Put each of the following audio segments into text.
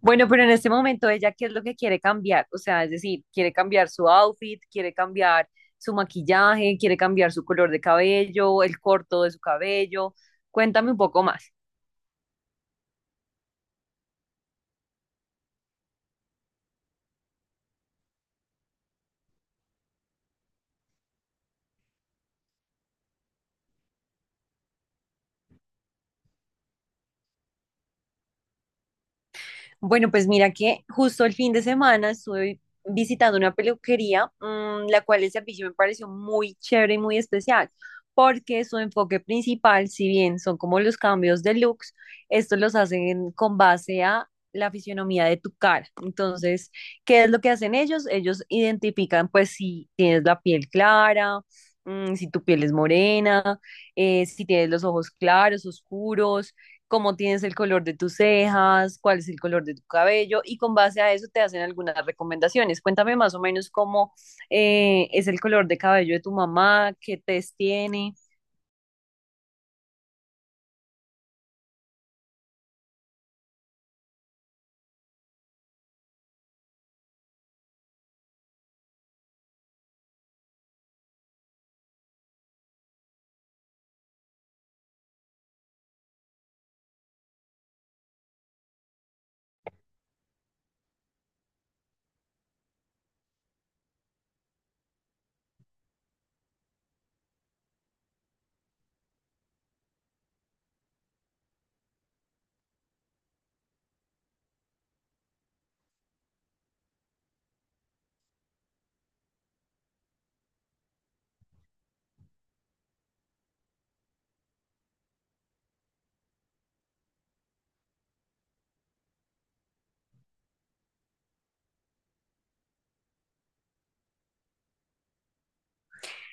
Bueno, pero en este momento ella, ¿qué es lo que quiere cambiar? O sea, es decir, quiere cambiar su outfit, quiere cambiar su maquillaje, quiere cambiar su color de cabello, el corto de su cabello. Cuéntame un poco más. Bueno, pues mira que justo el fin de semana estuve visitando una peluquería, la cual el servicio me pareció muy chévere y muy especial, porque su enfoque principal, si bien son como los cambios de looks, estos los hacen con base a la fisionomía de tu cara. Entonces, ¿qué es lo que hacen ellos? Ellos identifican pues si tienes la piel clara, si tu piel es morena, si tienes los ojos claros, oscuros, cómo tienes el color de tus cejas, cuál es el color de tu cabello y con base a eso te hacen algunas recomendaciones. Cuéntame más o menos cómo es el color de cabello de tu mamá, qué test tiene.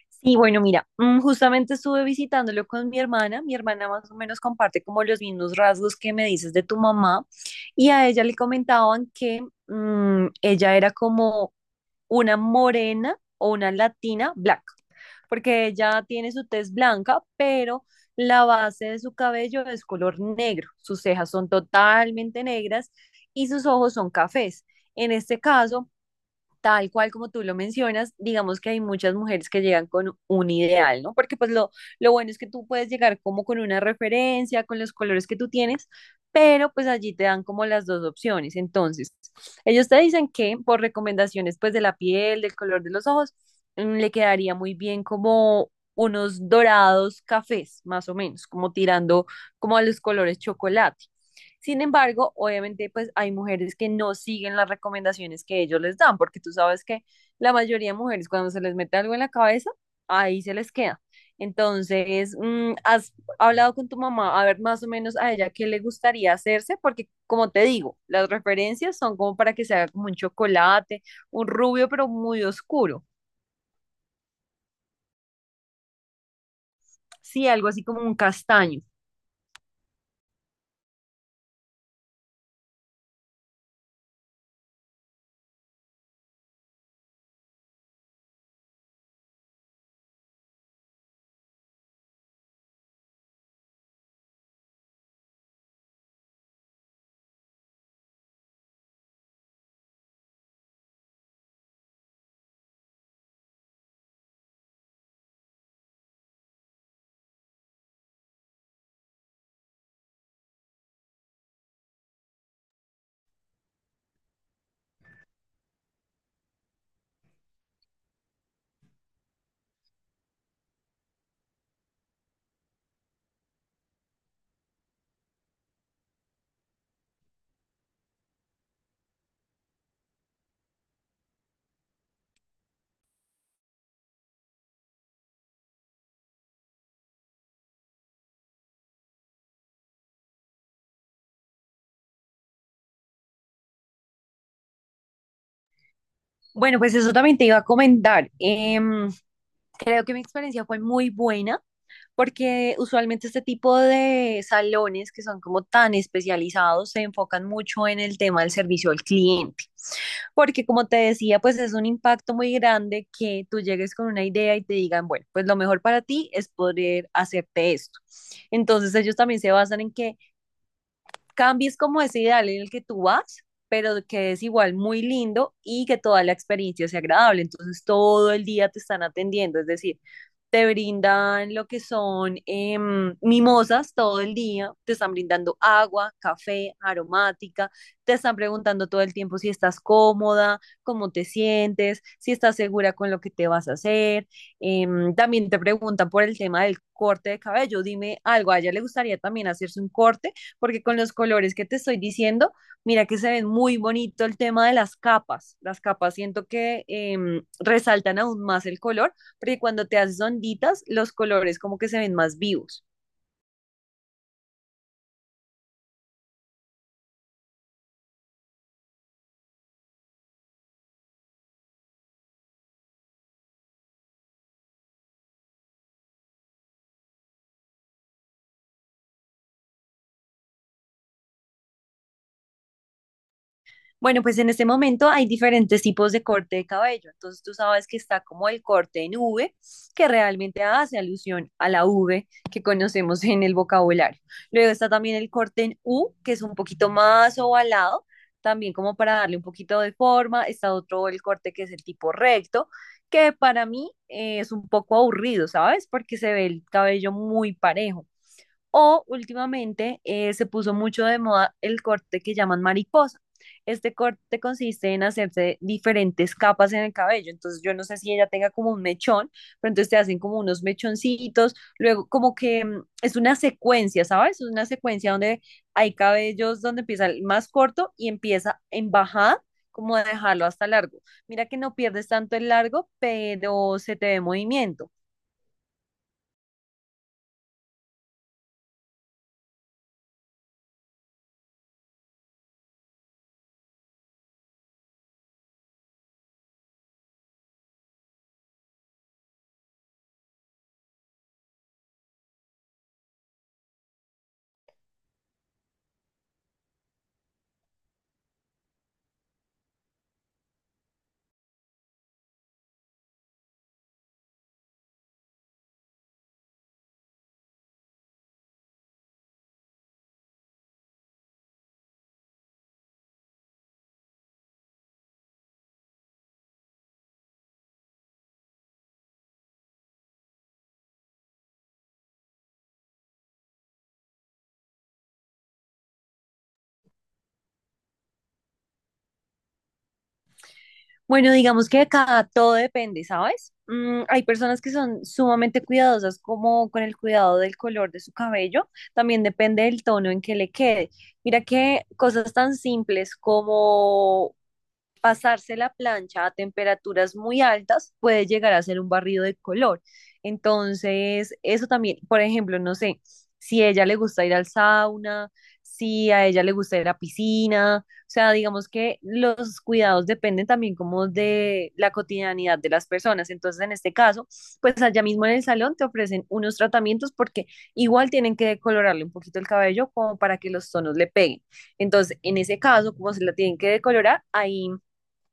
Sí, bueno, mira, justamente estuve visitándolo con mi hermana. Mi hermana más o menos comparte como los mismos rasgos que me dices de tu mamá y a ella le comentaban que ella era como una morena o una latina blanca, porque ella tiene su tez blanca, pero la base de su cabello es color negro, sus cejas son totalmente negras y sus ojos son cafés. En este caso, tal cual como tú lo mencionas, digamos que hay muchas mujeres que llegan con un ideal, ¿no? Porque lo bueno es que tú puedes llegar como con una referencia, con los colores que tú tienes, pero pues allí te dan como las dos opciones. Entonces, ellos te dicen que por recomendaciones pues de la piel, del color de los ojos, le quedaría muy bien como unos dorados cafés, más o menos, como tirando como a los colores chocolate. Sin embargo, obviamente, pues hay mujeres que no siguen las recomendaciones que ellos les dan, porque tú sabes que la mayoría de mujeres cuando se les mete algo en la cabeza, ahí se les queda. Entonces, ¿has hablado con tu mamá a ver más o menos a ella qué le gustaría hacerse? Porque, como te digo, las referencias son como para que se haga como un chocolate, un rubio, pero muy oscuro. Sí, algo así como un castaño. Bueno, pues eso también te iba a comentar. Creo que mi experiencia fue muy buena porque usualmente este tipo de salones que son como tan especializados se enfocan mucho en el tema del servicio al cliente, porque como te decía, pues es un impacto muy grande que tú llegues con una idea y te digan, bueno, pues lo mejor para ti es poder hacerte esto. Entonces ellos también se basan en que cambies como ese ideal en el que tú vas, pero que es igual muy lindo y que toda la experiencia sea agradable. Entonces todo el día te están atendiendo, es decir, te brindan lo que son mimosas todo el día, te están brindando agua, café, aromática, te están preguntando todo el tiempo si estás cómoda, cómo te sientes, si estás segura con lo que te vas a hacer. Eh, también te preguntan por el tema del corte de cabello, dime algo, ¿a ella le gustaría también hacerse un corte? Porque con los colores que te estoy diciendo, mira que se ven muy bonito el tema de las capas. Las capas siento que resaltan aún más el color, porque cuando te haces onditas, los colores como que se ven más vivos. Bueno, pues en este momento hay diferentes tipos de corte de cabello. Entonces tú sabes que está como el corte en V, que realmente hace alusión a la V que conocemos en el vocabulario. Luego está también el corte en U, que es un poquito más ovalado, también como para darle un poquito de forma. Está otro el corte que es el tipo recto, que para mí es un poco aburrido, ¿sabes? Porque se ve el cabello muy parejo. O últimamente se puso mucho de moda el corte que llaman mariposa. Este corte consiste en hacerse diferentes capas en el cabello. Entonces yo no sé si ella tenga como un mechón, pero entonces te hacen como unos mechoncitos. Luego como que es una secuencia, ¿sabes? Es una secuencia donde hay cabellos donde empieza el más corto y empieza en bajada, como a dejarlo hasta largo. Mira que no pierdes tanto el largo, pero se te ve movimiento. Bueno, digamos que acá todo depende, ¿sabes? Hay personas que son sumamente cuidadosas como con el cuidado del color de su cabello, también depende del tono en que le quede. Mira que cosas tan simples como pasarse la plancha a temperaturas muy altas puede llegar a ser un barrido de color. Entonces, eso también, por ejemplo, no sé, si a ella le gusta ir al sauna, si a ella le gusta ir a la piscina, o sea, digamos que los cuidados dependen también como de la cotidianidad de las personas. Entonces, en este caso, pues allá mismo en el salón te ofrecen unos tratamientos porque igual tienen que decolorarle un poquito el cabello como para que los tonos le peguen. Entonces, en ese caso, como se la tienen que decolorar, ahí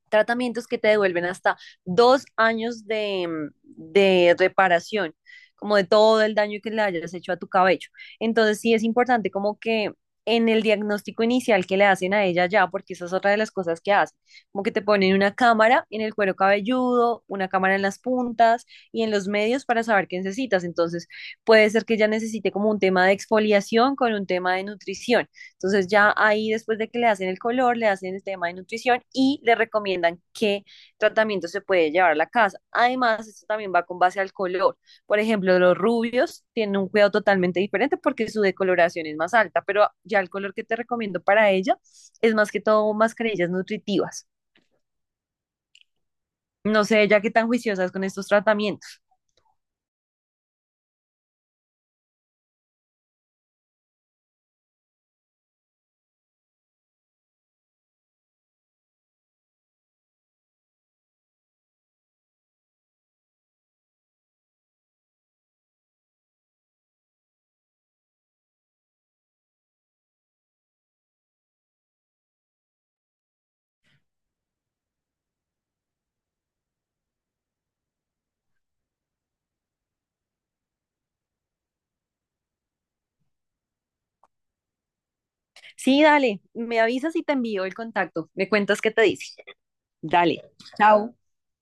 tratamientos que te devuelven hasta 2 años de reparación, como de todo el daño que le hayas hecho a tu cabello. Entonces sí es importante como que en el diagnóstico inicial que le hacen a ella ya, porque esa es otra de las cosas que hacen, como que te ponen una cámara en el cuero cabelludo, una cámara en las puntas y en los medios para saber qué necesitas. Entonces, puede ser que ella necesite como un tema de exfoliación con un tema de nutrición. Entonces ya ahí después de que le hacen el color, le hacen el tema de nutrición y le recomiendan qué tratamiento se puede llevar a la casa. Además, esto también va con base al color. Por ejemplo, los rubios tienen un cuidado totalmente diferente porque su decoloración es más alta, pero ya el color que te recomiendo para ella es más que todo mascarillas nutritivas. No sé, ya qué tan juiciosas con estos tratamientos. Sí, dale, me avisas y te envío el contacto. Me cuentas qué te dice. Dale, chao.